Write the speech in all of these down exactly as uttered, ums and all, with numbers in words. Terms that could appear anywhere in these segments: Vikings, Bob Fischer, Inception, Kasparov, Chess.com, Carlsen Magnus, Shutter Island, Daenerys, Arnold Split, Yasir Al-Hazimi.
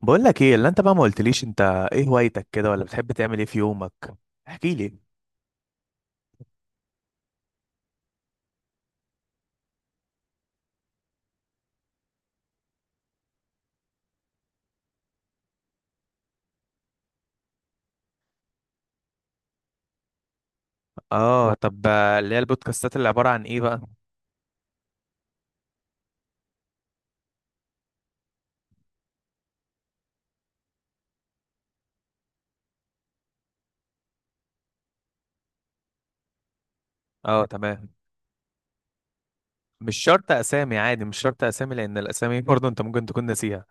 بقول لك ايه اللي انت بقى، ما قلتليش انت ايه هوايتك كده، ولا بتحب تعمل ايه في يومك؟ احكي لي. اه، طب آه، اللي هي البودكاستات اللي عبارة عن ايه بقى؟ اه، تمام. مش شرط اسامي، عادي، مش شرط اسامي لان الاسامي برضه انت ممكن تكون ناسيها.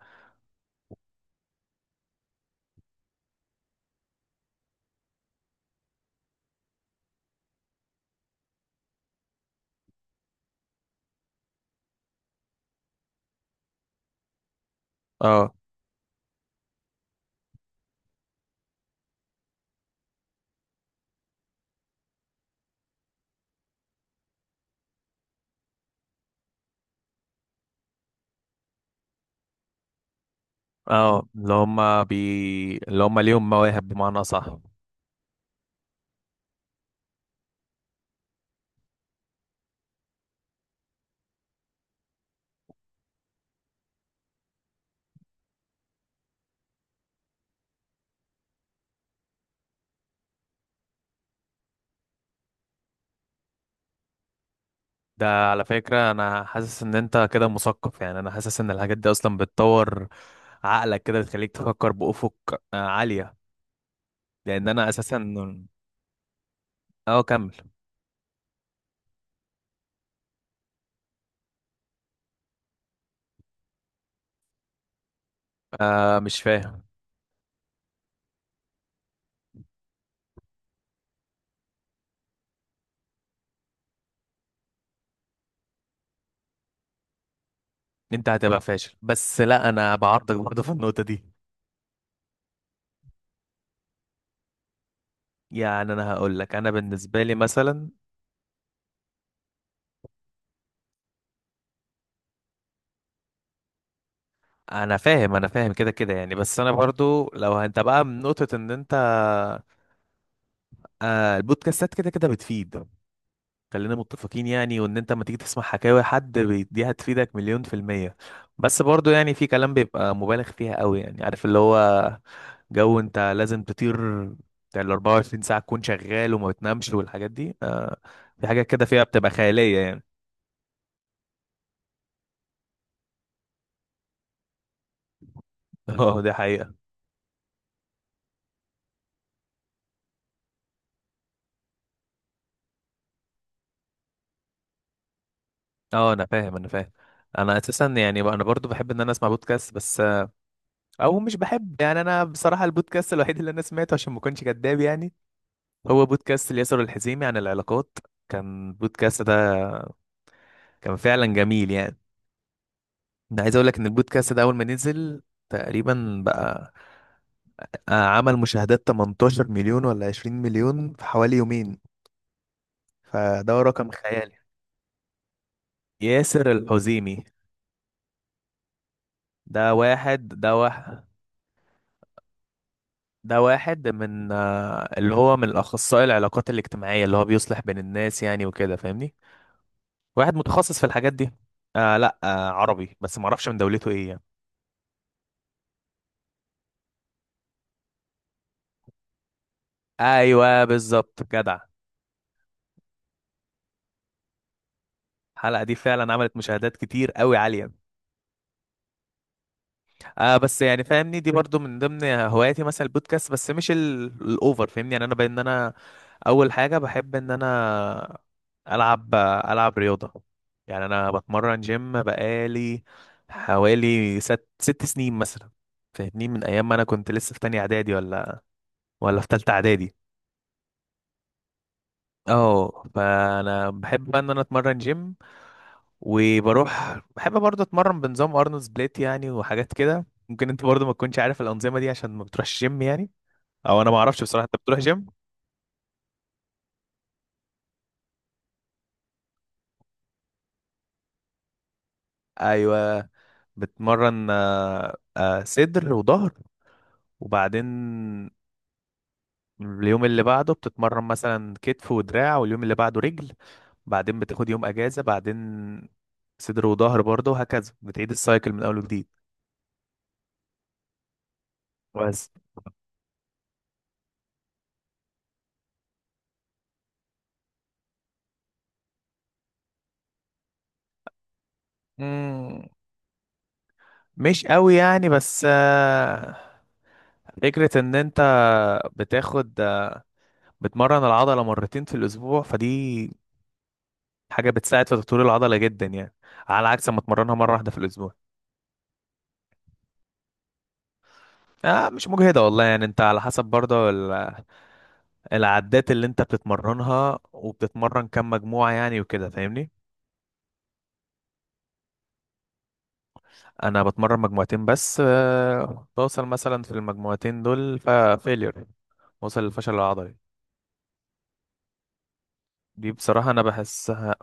اه، اه، اللي هم بي اللي هم ليهم مواهب، بمعنى، صح. ده على فكرة أنا حاسس إن أنت كده مثقف، يعني أنا حاسس إن الحاجات دي أصلا بتطور عقلك كده، بتخليك تفكر بأفق آه، عالية. لأن أنا أساسا... أه، كمل. آه مش فاهم. أنت هتبقى فاشل، بس لا، أنا بعارضك برضه في النقطة دي. يعني أنا هقول لك، أنا بالنسبة لي مثلا. أنا فاهم أنا فاهم كده كده، يعني بس أنا برضه لو أنت بقى من نقطة إن أنت... آه البودكاستات كده كده بتفيد. خلينا متفقين يعني، وان انت لما تيجي تسمع حكاوي حد بي- دي هتفيدك مليون في المية. بس برضو يعني في كلام بيبقى مبالغ فيها قوي، يعني عارف اللي هو، جو انت لازم تطير، بتاع ال اربعة وعشرين ساعة تكون شغال وما بتنامش والحاجات دي، آه في حاجات كده فيها بتبقى خيالية يعني. اه، دي حقيقة. اه، انا فاهم انا فاهم. انا اساسا يعني انا برضو بحب ان انا اسمع بودكاست، بس او مش بحب، يعني انا بصراحة البودكاست الوحيد اللي انا سمعته عشان ما اكونش كداب، يعني هو بودكاست اليسار الحزيمي عن العلاقات. كان البودكاست ده، كان فعلا جميل يعني. انا عايز اقول لك ان البودكاست ده اول ما نزل، تقريبا بقى، آه، عمل مشاهدات 18 مليون ولا 20 مليون في حوالي يومين، فده رقم خيالي. ياسر الحزيمي. ده واحد ده واحد ده واحد من آه، اللي هو من الاخصائي العلاقات الاجتماعية، اللي هو بيصلح بين الناس يعني، وكده فاهمني. واحد متخصص في الحاجات دي. آه لا، آه عربي، بس ما اعرفش من دولته ايه يعني. ايوه بالظبط، جدع. الحلقه دي فعلا عملت مشاهدات كتير قوي، عاليه. آه بس يعني فاهمني، دي برضو من ضمن هواياتي مثلا البودكاست، بس مش ال- الاوفر فاهمني، يعني انا بان انا. اول حاجه بحب ان انا العب العب رياضه. يعني انا بتمرن جيم بقالي حوالي ست ست سنين مثلا. فاهمني من ايام ما انا كنت لسه في تانية اعدادي ولا، ولا في تالتة اعدادي. اه، فانا بحب بقى ان انا اتمرن جيم، وبروح بحب برضه اتمرن بنظام ارنولد سبليت، يعني وحاجات كده ممكن انت برضه ما تكونش عارف الانظمه دي عشان ما بتروحش جيم يعني، او انا ما اعرفش بصراحه، انت بتروح جيم؟ ايوه، بتمرن آه، آه، صدر وظهر، وبعدين اليوم اللي بعده بتتمرن مثلا كتف ودراع، واليوم اللي بعده رجل، بعدين بتاخد يوم اجازه، بعدين صدر وظهر برضه، وهكذا بتعيد السايكل من اول وجديد. بس مم. مش قوي يعني، بس آه، فكرة ان انت بتاخد آه، بتمرن العضلة مرتين في الاسبوع، فدي حاجة بتساعد في تطوير العضلة جدا يعني، على عكس ما تمرنها مرة واحدة في الاسبوع. آه مش مجهدة والله يعني، انت على حسب برضه ال- العدات اللي انت بتتمرنها، وبتتمرن كم مجموعة يعني، وكده فاهمني. انا بتمرن مجموعتين بس، آه، بوصل مثلا في المجموعتين دول ففيلير، وصل للفشل العضلي. دي بصراحة أنا بحسها،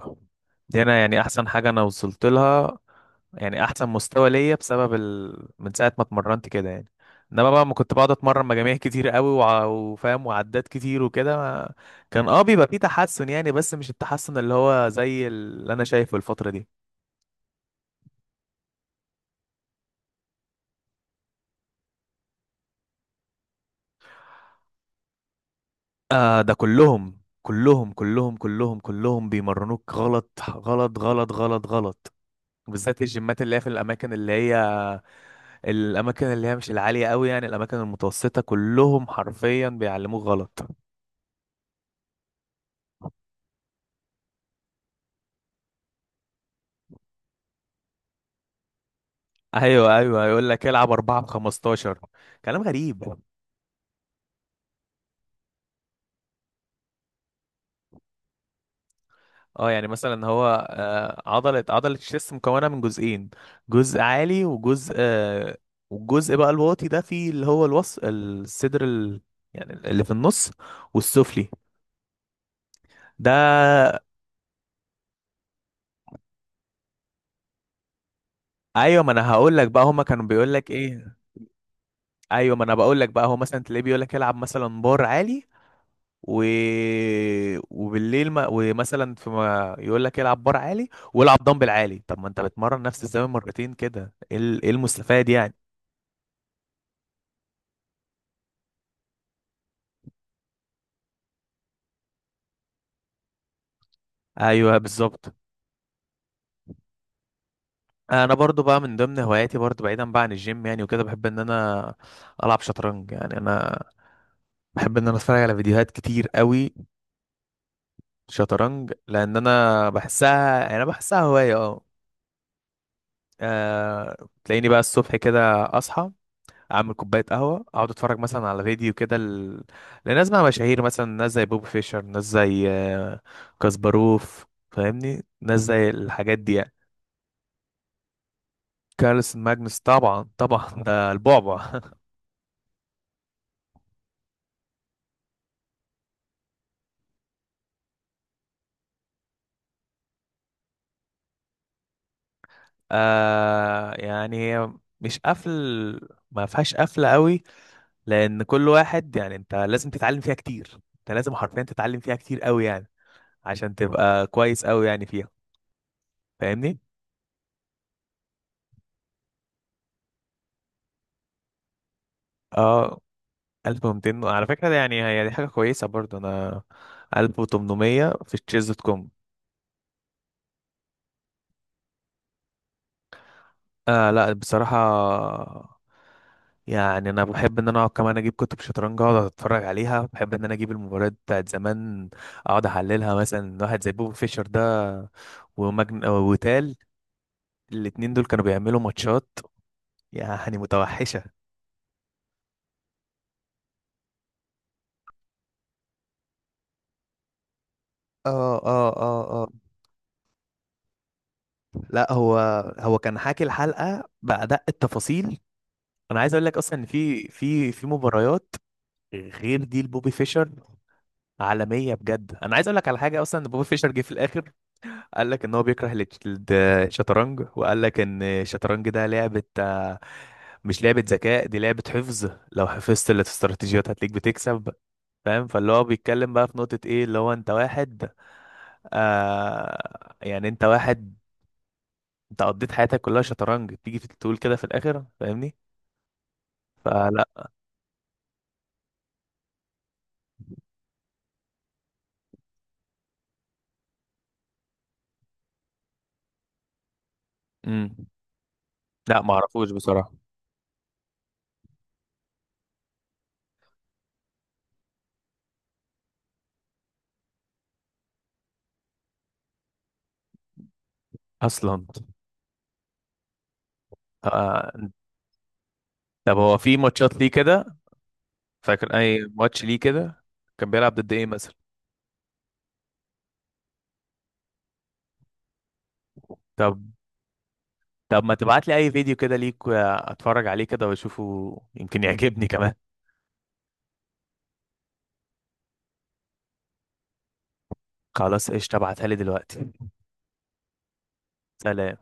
دي أنا يعني أحسن حاجة أنا وصلت لها. يعني أحسن مستوى ليا بسبب ال... من ساعة ما اتمرنت كده يعني. إنما بقى ما كنت بقعد أتمرن مجاميع كتير قوي وع... وفاهم، وعدات كتير وكده ما... كان أه بيبقى فيه تحسن يعني، بس مش التحسن اللي هو زي اللي أنا شايفه الفترة دي. آه ده كلهم كلهم كلهم كلهم كلهم بيمرنوك غلط غلط غلط غلط غلط. بالذات الجيمات اللي هي في الاماكن اللي هي الاماكن اللي هي مش العاليه قوي، يعني الاماكن المتوسطه كلهم حرفيا بيعلموك غلط. ايوه، ايوه، يقول لك العب اربعة ب خمستاشر، كلام غريب. اه، يعني مثلا هو آه، عضله عضله الشيست مكونه من جزئين، جزء عالي، وجزء آه، والجزء بقى الواطي ده فيه اللي هو الوص الصدر ال... يعني اللي في النص والسفلي ده. ايوه، ما انا هقول لك بقى هما كانوا بيقول لك ايه. ايوه، ما انا بقول لك بقى هو مثلا تلاقيه بيقول لك العب مثلا بار عالي، و... وبالليل ما... ومثلا في ما يقول لك العب بار عالي والعب دمبل عالي. طب ما انت بتمرن نفس الزمان مرتين كده، ايه ال- إيه المستفاد يعني؟ ايوه بالظبط. انا برضو بقى من ضمن هواياتي، برضو بعيدا بقى عن الجيم يعني وكده، بحب ان انا العب شطرنج، يعني انا بحب ان انا اتفرج على فيديوهات كتير قوي شطرنج، لان انا بحسها يعني، انا بحسها هوايه، اه. آه، تلاقيني بقى الصبح كده اصحى، اعمل كوبايه قهوه، اقعد اتفرج مثلا على فيديو كده ل... لناس بقى مشاهير، مثلا ناس زي بوب فيشر، ناس زي آه، كاسباروف فاهمني، ناس زي الحاجات دي يعني. كارلسن ماجنس، طبعا طبعا ده البعبع. آه يعني هي، مش قفل، ما فيهاش قفله قوي، لان كل واحد يعني انت لازم تتعلم فيها كتير، انت لازم حرفيا تتعلم فيها كتير قوي يعني عشان تبقى كويس قوي يعني فيها، فاهمني. اه، الف ومئتين على فكرة ده، يعني هي دي حاجة كويسة، برضه أنا الف وتمنمية في تشيز دوت كوم. آه لا بصراحة، يعني أنا بحب إن أنا أقعد كمان أجيب كتب شطرنج، أقعد أتفرج عليها، بحب إن أنا أجيب المباريات بتاعت زمان أقعد أحللها، مثلا واحد زي بوب فيشر ده، ومجن وتال، الاتنين دول كانوا بيعملوا ماتشات، يعني متوحشة. اه، اه، اه، اه. لا، هو هو كان حاكي الحلقة بأدق التفاصيل. انا عايز اقول لك اصلا ان في في في مباريات غير دي لبوبي فيشر، عالميه بجد. انا عايز اقول لك على حاجه، اصلا ان بوبي فيشر جه في الاخر قال لك ان هو بيكره الات- الد- الشطرنج، وقال لك ان الشطرنج ده لعبه، آه، مش لعبه ذكاء، دي لعبه حفظ، لو حفظت الاستراتيجيات هتلاقيك بتكسب. فاهم، فاللي هو بيتكلم بقى في نقطه ايه، اللي هو انت واحد، آه يعني انت واحد، انت قضيت حياتك كلها شطرنج تيجي تقول كده في الاخر؟ فاهمني، فلا. امم. لا ما اعرفوش بصراحه اصلا آه. طب هو في ماتشات ليه كده؟ فاكر اي ماتش ليه كده؟ كان بيلعب ضد ايه مثلا؟ طب طب ما تبعت لي اي فيديو كده ليك، آه، اتفرج عليه كده واشوفه يمكن يعجبني كمان. خلاص قشطة، ابعتها لي دلوقتي. سلام.